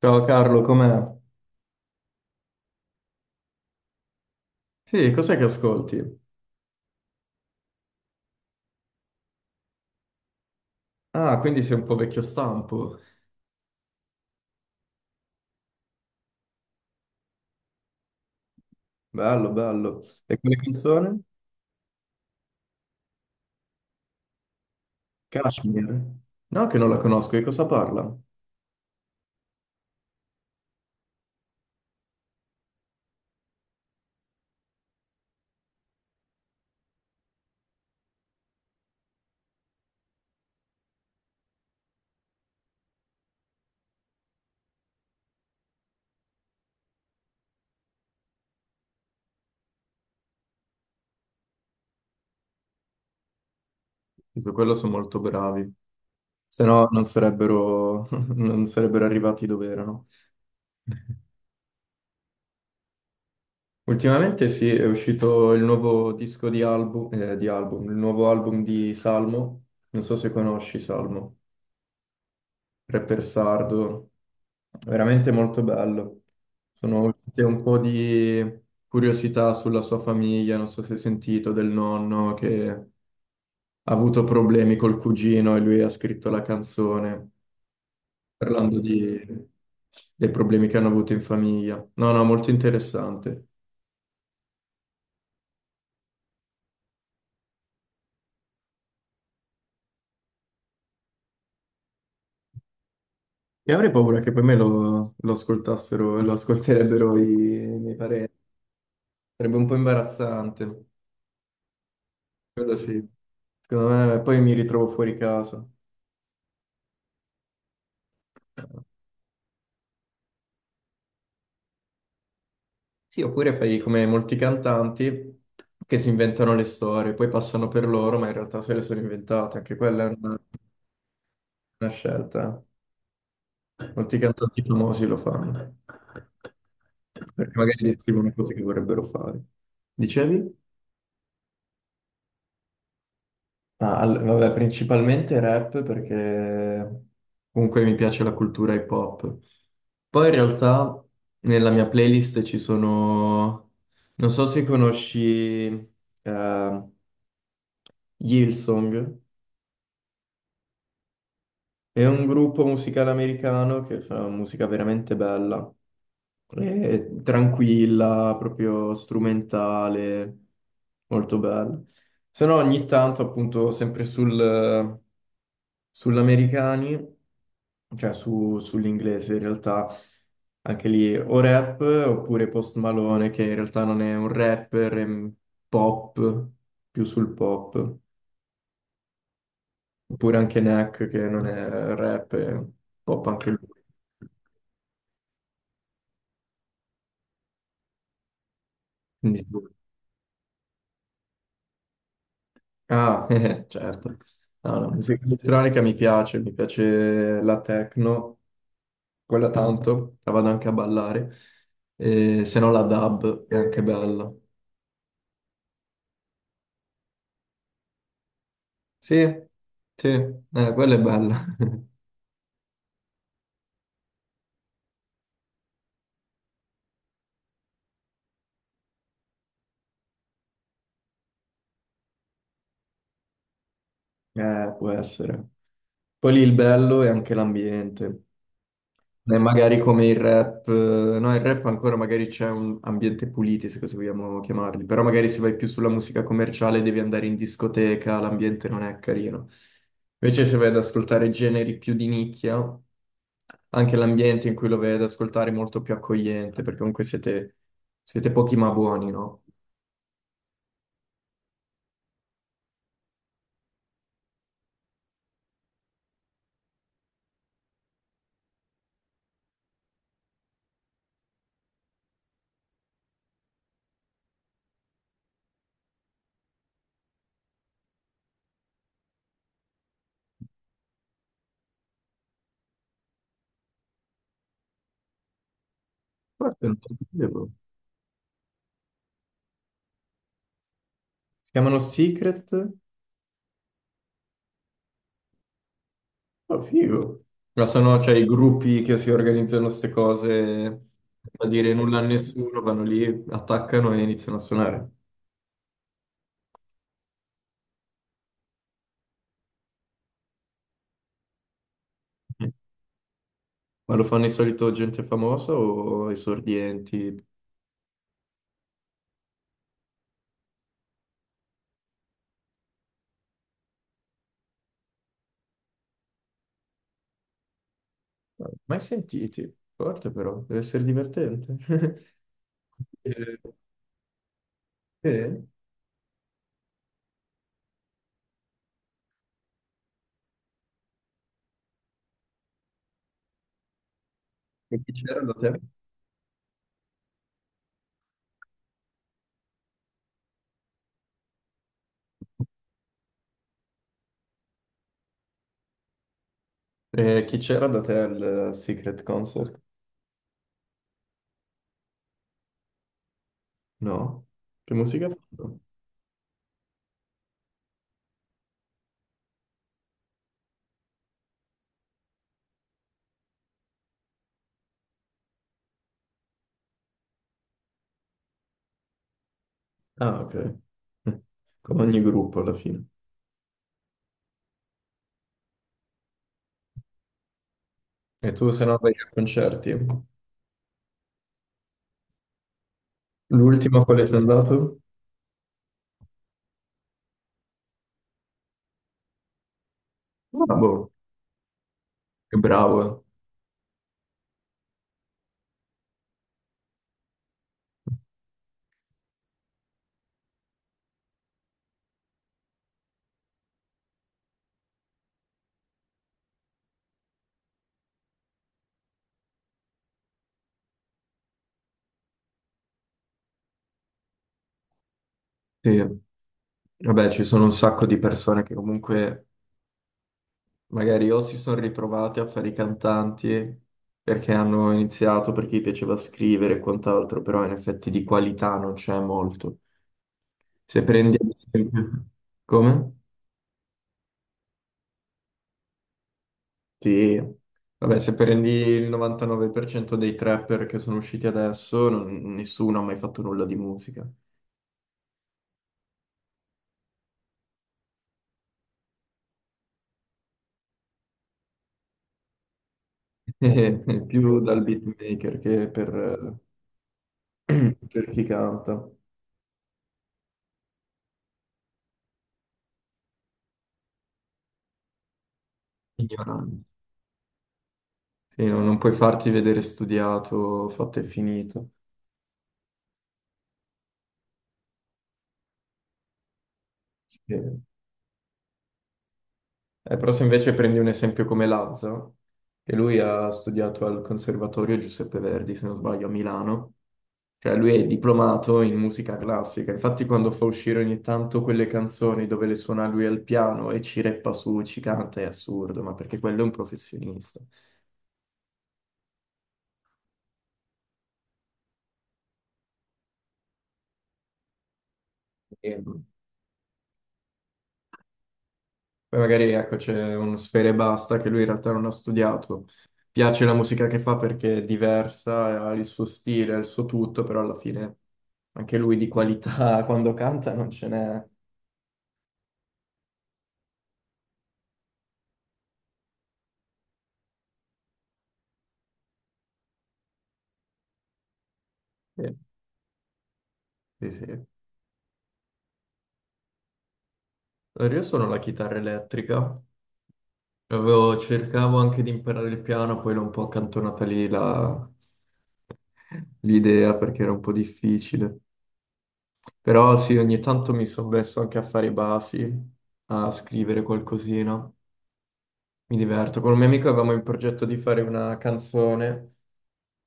Ciao Carlo, com'è? Sì, cos'è che ascolti? Ah, quindi sei un po' vecchio stampo. Bello, bello. E quella canzone? Kashmir. No, che non la conosco, di cosa parla? Su quello sono molto bravi. Se no non sarebbero, non sarebbero arrivati dove erano. Ultimamente sì, è uscito il nuovo disco di album, il nuovo album di Salmo. Non so se conosci Salmo. Rapper sardo, veramente molto bello. Sono uscite un po' di curiosità sulla sua famiglia, non so se hai sentito del nonno che ha avuto problemi col cugino e lui ha scritto la canzone parlando di- dei problemi che hanno avuto in famiglia. No, no, molto interessante. E avrei paura che poi lo ascoltassero, lo ascolterebbero i miei parenti. Sarebbe un po' imbarazzante, quello sì. Secondo me poi mi ritrovo fuori casa. Sì, oppure fai come molti cantanti che si inventano le storie, poi passano per loro, ma in realtà se le sono inventate, anche una scelta. Molti cantanti famosi lo fanno, perché magari descrivono cose che vorrebbero fare. Dicevi? Ah, vabbè, principalmente rap perché comunque mi piace la cultura hip hop. Poi in realtà nella mia playlist ci sono, non so se conosci eh, Hillsong. È un gruppo musicale americano che fa musica veramente bella, è tranquilla, proprio strumentale, molto bella. Se no ogni tanto appunto sull'americani, cioè sull'inglese in realtà, anche lì o rap oppure Post Malone che in realtà non è un rapper, è un pop, più sul pop, oppure anche Neck che non è rap, è pop anche lui. Quindi tu- Ah, certo. No, no, musica elettronica mi piace la techno, quella tanto, la vado anche a ballare. E se no la dub è anche bella. Sì, sì, quella è bella. Può essere. Poi lì il bello è anche l'ambiente. E magari come il rap, no, il rap ancora magari c'è un ambiente pulito, se così vogliamo chiamarli, però magari se vai più sulla musica commerciale devi andare in discoteca, l'ambiente non è carino. Invece se vai ad ascoltare generi più di nicchia, anche l'ambiente in cui lo vai ad ascoltare è molto più accogliente, perché siete pochi ma buoni, no? Guarda, non lo sapevo. Si chiamano Secret. Oh, figo. Ma sono, cioè, i gruppi che si organizzano queste cose a dire nulla a nessuno, vanno lì, attaccano e iniziano a suonare. Mm. Ma lo fanno di solito gente famosa o esordienti? Mai sentiti? Forte però, deve essere divertente. Eh, eh, e chi c'era da te? Chi c'era da te al Secret Concert? No? Che musica ha fatto? Ah, ok. Mm. Come ogni gruppo alla fine. E tu se no vai a concerti? L'ultima quale sei andato? Ah, boh, che bravo. Eh. Sì, vabbè, ci sono un sacco di persone che comunque magari o si sono ritrovate a fare i cantanti perché hanno iniziato, perché gli piaceva scrivere e quant'altro, però in effetti di qualità non c'è molto. Se prendi ad esempio... Come? Sì. Vabbè, se prendi il 99% dei trapper che sono usciti adesso, nessuno ha mai fatto nulla di musica. Più dal beatmaker che per, per chi canta. Ignorante. Sì, no, non puoi farti vedere studiato, fatto e finito. Sì. Però se invece prendi un esempio come Lazza, che lui ha studiato al Conservatorio Giuseppe Verdi, se non sbaglio, a Milano, cioè lui è diplomato in musica classica, infatti quando fa uscire ogni tanto quelle canzoni dove le suona lui al piano e ci reppa su, ci canta, è assurdo, ma perché quello è un professionista. Poi magari ecco c'è uno sfera e basta che lui in realtà non ha studiato. Piace la musica che fa perché è diversa, ha il suo stile, ha il suo tutto, però alla fine anche lui di qualità quando canta non ce n'è. Sì, sì. Sì. Allora, io suono la chitarra elettrica. Cercavo anche di imparare il piano, poi l'ho un po' accantonata l'idea perché era un po' difficile. Però sì, ogni tanto mi sono messo anche a fare i basi, a scrivere qualcosina. Mi diverto. Con un mio amico avevamo in progetto di fare una canzone,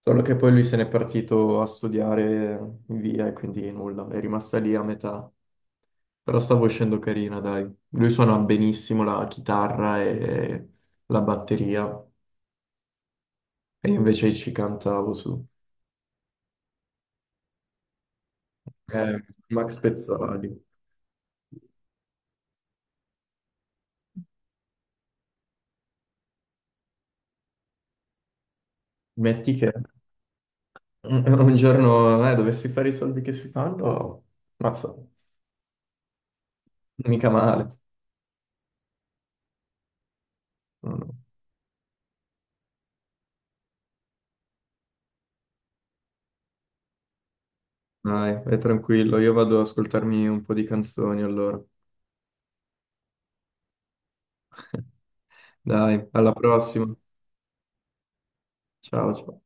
solo che poi lui se n'è partito a studiare in via e quindi nulla, è rimasta lì a metà. Però stavo uscendo carina, dai. Lui suona benissimo la chitarra e la batteria, e io invece ci cantavo su. Max Pezzali. Metti che un giorno dovessi fare i soldi che si fanno, mazza, mica male. No, no. Dai, è tranquillo, io vado ad ascoltarmi un po' di canzoni allora. Dai, alla prossima. Ciao, ciao.